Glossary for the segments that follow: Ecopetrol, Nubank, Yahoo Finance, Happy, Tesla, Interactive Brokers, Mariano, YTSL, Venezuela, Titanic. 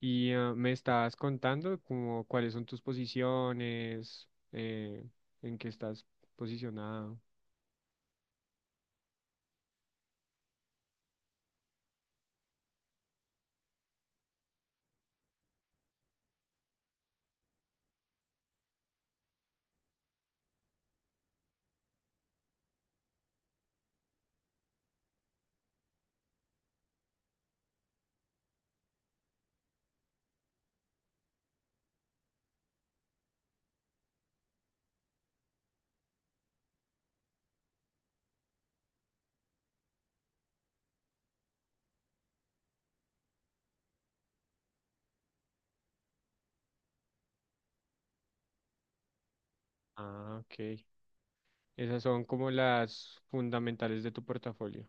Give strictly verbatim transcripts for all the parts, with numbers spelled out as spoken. Y ah, me estabas contando como cuáles son tus posiciones, eh, en qué estás posicionado. Ah, ok. Esas son como las fundamentales de tu portafolio.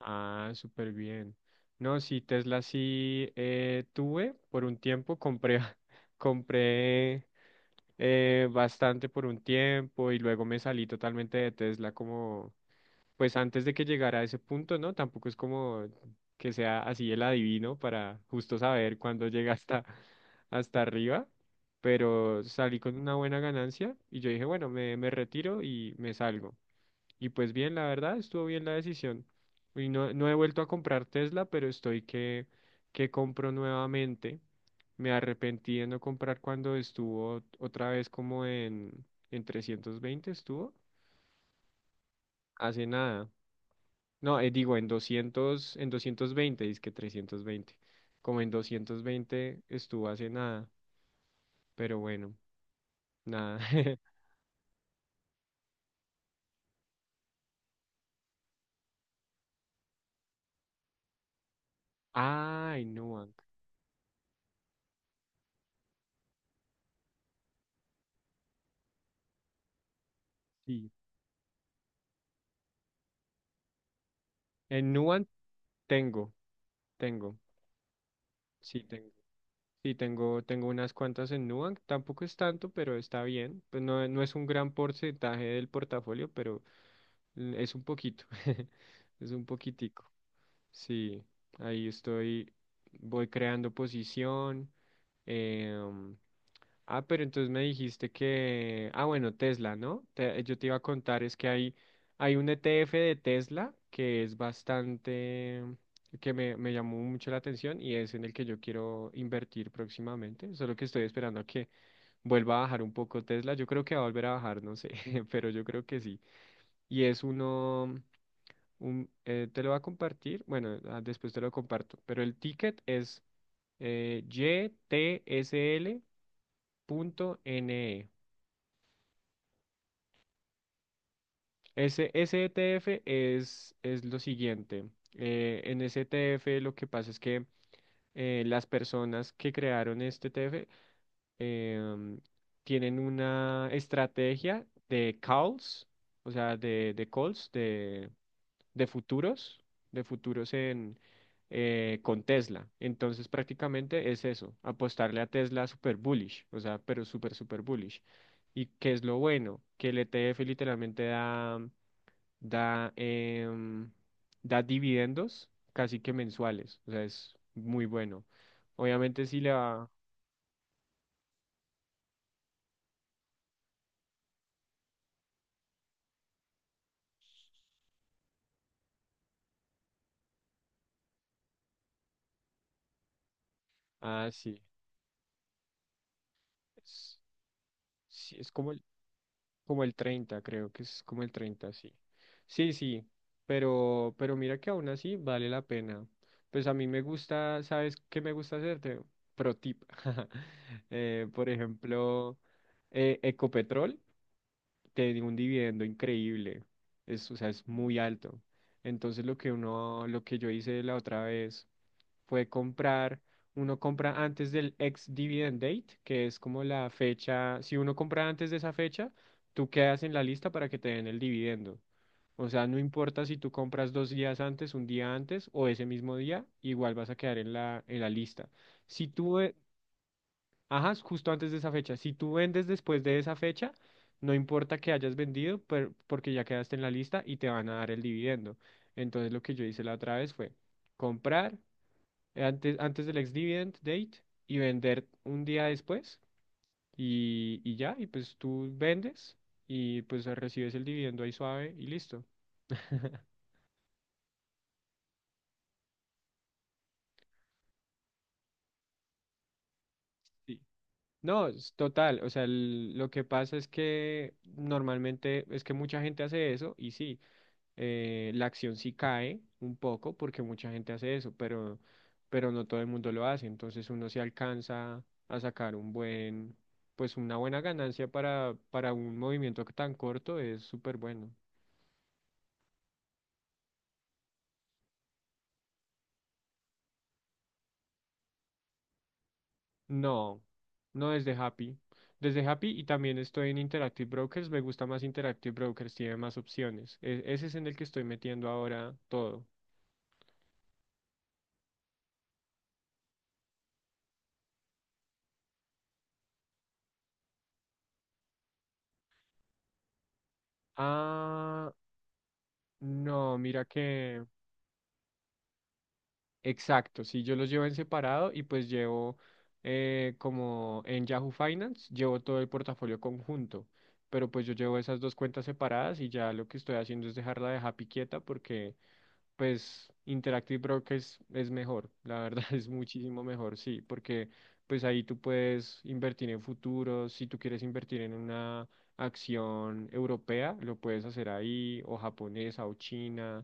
Ah, súper bien. No, sí, Tesla sí eh, tuve por un tiempo, compré, compré eh, bastante por un tiempo y luego me salí totalmente de Tesla como pues antes de que llegara a ese punto, ¿no? Tampoco es como que sea así el adivino para justo saber cuándo llega hasta, hasta arriba, pero salí con una buena ganancia y yo dije, bueno, me, me retiro y me salgo. Y pues bien, la verdad, estuvo bien la decisión. Y no, no he vuelto a comprar Tesla, pero estoy que, que compro nuevamente. Me arrepentí de no comprar cuando estuvo otra vez como en, en trescientos veinte estuvo hace nada. No, eh, digo, en doscientos en doscientos veinte, dice que trescientos veinte. Como en doscientos veinte estuvo hace nada, pero bueno, nada. Ah, en Nubank, sí. En Nubank tengo, tengo, sí tengo. Sí, tengo, tengo unas cuantas en Nubank, tampoco es tanto, pero está bien. Pues no, no es un gran porcentaje del portafolio, pero l- es un poquito, es un poquitico. Sí, ahí estoy, voy creando posición. em, Ah, pero entonces me dijiste que, ah, bueno, Tesla, ¿no? Te- yo te iba a contar, es que hay, hay un E T F de Tesla que es bastante, que me, me llamó mucho la atención y es en el que yo quiero invertir próximamente, solo que estoy esperando a que vuelva a bajar un poco Tesla, yo creo que va a volver a bajar, no sé, pero yo creo que sí. Y es uno, un, eh, te lo va a compartir, bueno, ah, después te lo comparto, pero el ticket es eh, Y T S L punto N E. Ese, ese E T F es, es lo siguiente. Eh, en ese E T F lo que pasa es que eh, las personas que crearon este E T F em, tienen una estrategia de calls, o sea, de, de calls, de, de futuros, de futuros en, eh, con Tesla. Entonces prácticamente es eso, apostarle a Tesla super bullish, o sea, pero super, super bullish. ¿Y qué es lo bueno? Que el E T F literalmente da da, em, da dividendos casi que mensuales, o sea, es muy bueno. Obviamente sí le va, ah, sí, es, sí, es como el, como el treinta, creo que es como el treinta, sí. Sí, sí, pero, pero mira que aún así vale la pena. Pues a mí me gusta, ¿sabes qué me gusta hacerte? Pro tip. Eh, por ejemplo, eh, Ecopetrol tiene un dividendo increíble. Es, o sea, es muy alto. Entonces lo que uno, lo que yo hice la otra vez fue comprar, uno compra antes del ex dividend date, que es como la fecha, si uno compra antes de esa fecha, tú quedas en la lista para que te den el dividendo. O sea, no importa si tú compras dos días antes, un día antes o ese mismo día, igual vas a quedar en la, en la lista. Si tú eh, ajá, es justo antes de esa fecha. Si tú vendes después de esa fecha, no importa que hayas vendido, per- porque ya quedaste en la lista y te van a dar el dividendo. Entonces lo que yo hice la otra vez fue comprar antes, antes del ex dividend date y vender un día después y, y, ya, y pues tú vendes y pues recibes el dividendo ahí suave y listo. Sí. No, es total, o sea, el- lo que pasa es que normalmente es que mucha gente hace eso y sí. Eh, la acción sí cae un poco porque mucha gente hace eso, pero, pero no todo el mundo lo hace. Entonces uno se alcanza a sacar un buen, pues una buena ganancia para, para un movimiento tan corto es súper bueno. No, no desde Happy. Desde Happy y también estoy en Interactive Brokers. Me gusta más Interactive Brokers, tiene más opciones. E- ese es en el que estoy metiendo ahora todo. Ah, no, mira que. Exacto, sí, yo los llevo en separado y pues llevo eh, como en Yahoo Finance, llevo todo el portafolio conjunto, pero pues yo llevo esas dos cuentas separadas y ya lo que estoy haciendo es dejarla de Happy quieta porque pues Interactive Broker es, es mejor, la verdad, es muchísimo mejor, sí, porque pues ahí tú puedes invertir en futuros, si tú quieres invertir en una acción europea, lo puedes hacer ahí, o japonesa, o china,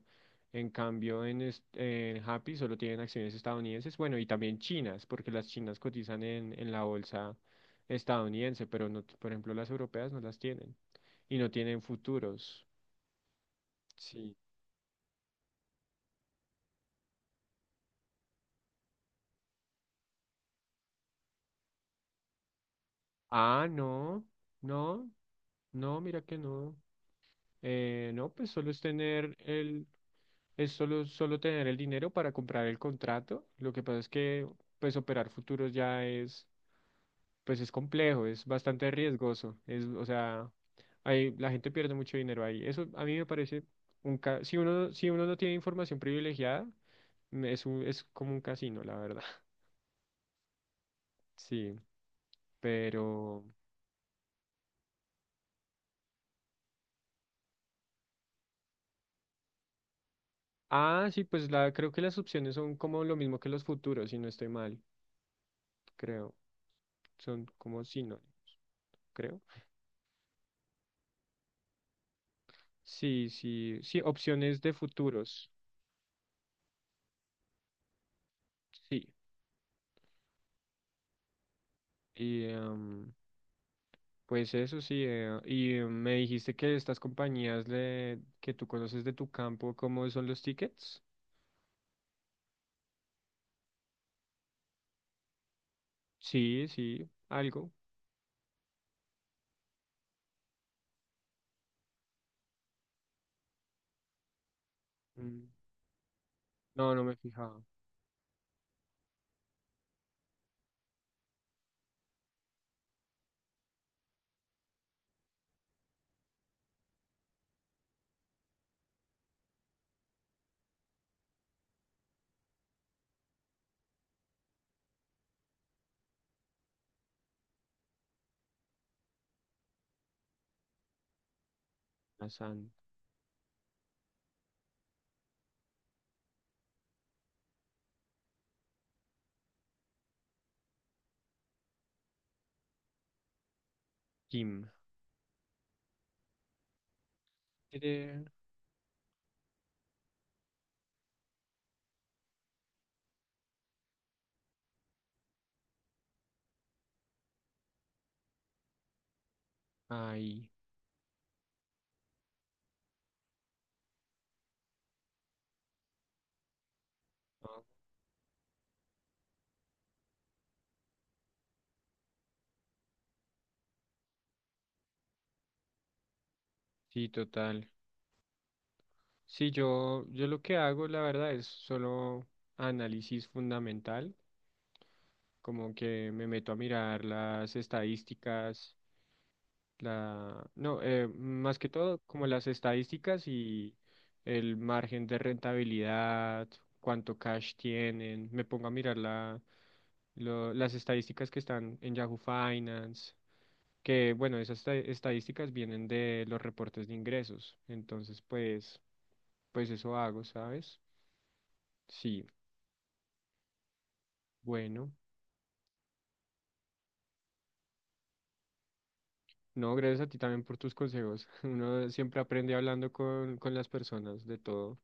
en cambio en, est- en Happy solo tienen acciones estadounidenses, bueno, y también chinas, porque las chinas cotizan en, en la bolsa estadounidense, pero no, t- por ejemplo, las europeas no las tienen, y no tienen futuros. Sí. Ah, no. No, no, mira que no. Eh, no, pues solo es tener el, es solo, solo tener el dinero para comprar el contrato. Lo que pasa es que, pues, operar futuros ya es, pues, es complejo, es bastante riesgoso. Es, o sea, hay, la gente pierde mucho dinero ahí. Eso a mí me parece un, ca- si uno, si uno no tiene información privilegiada, mm, es un- es como un casino, la verdad. Sí, pero, ah, sí, pues, la, creo que las opciones son como lo mismo que los futuros, si no estoy mal, creo. Son como sinónimo, creo. Sí, sí, sí, opciones de futuros, sí. Y em, pues eso sí, eh, y eh, me dijiste que estas compañías le, que tú conoces de tu campo, ¿cómo son los tickets? Sí, sí, algo. Mm, no, no me he fijado. Asan Kim. Tere, ahí. Ah, sí, total. Sí, yo, yo lo que hago, la verdad, es solo análisis fundamental. Como que me meto a mirar las estadísticas, la, no, eh, más que todo como las estadísticas y el margen de rentabilidad, cuánto cash tienen, me pongo a mirar la, lo- las estadísticas que están en Yahoo Finance, que bueno, esas esta- estadísticas vienen de los reportes de ingresos, entonces pues, pues eso hago, ¿sabes? Sí, bueno. No, gracias a ti también por tus consejos. Uno siempre aprende hablando con, con las personas de todo.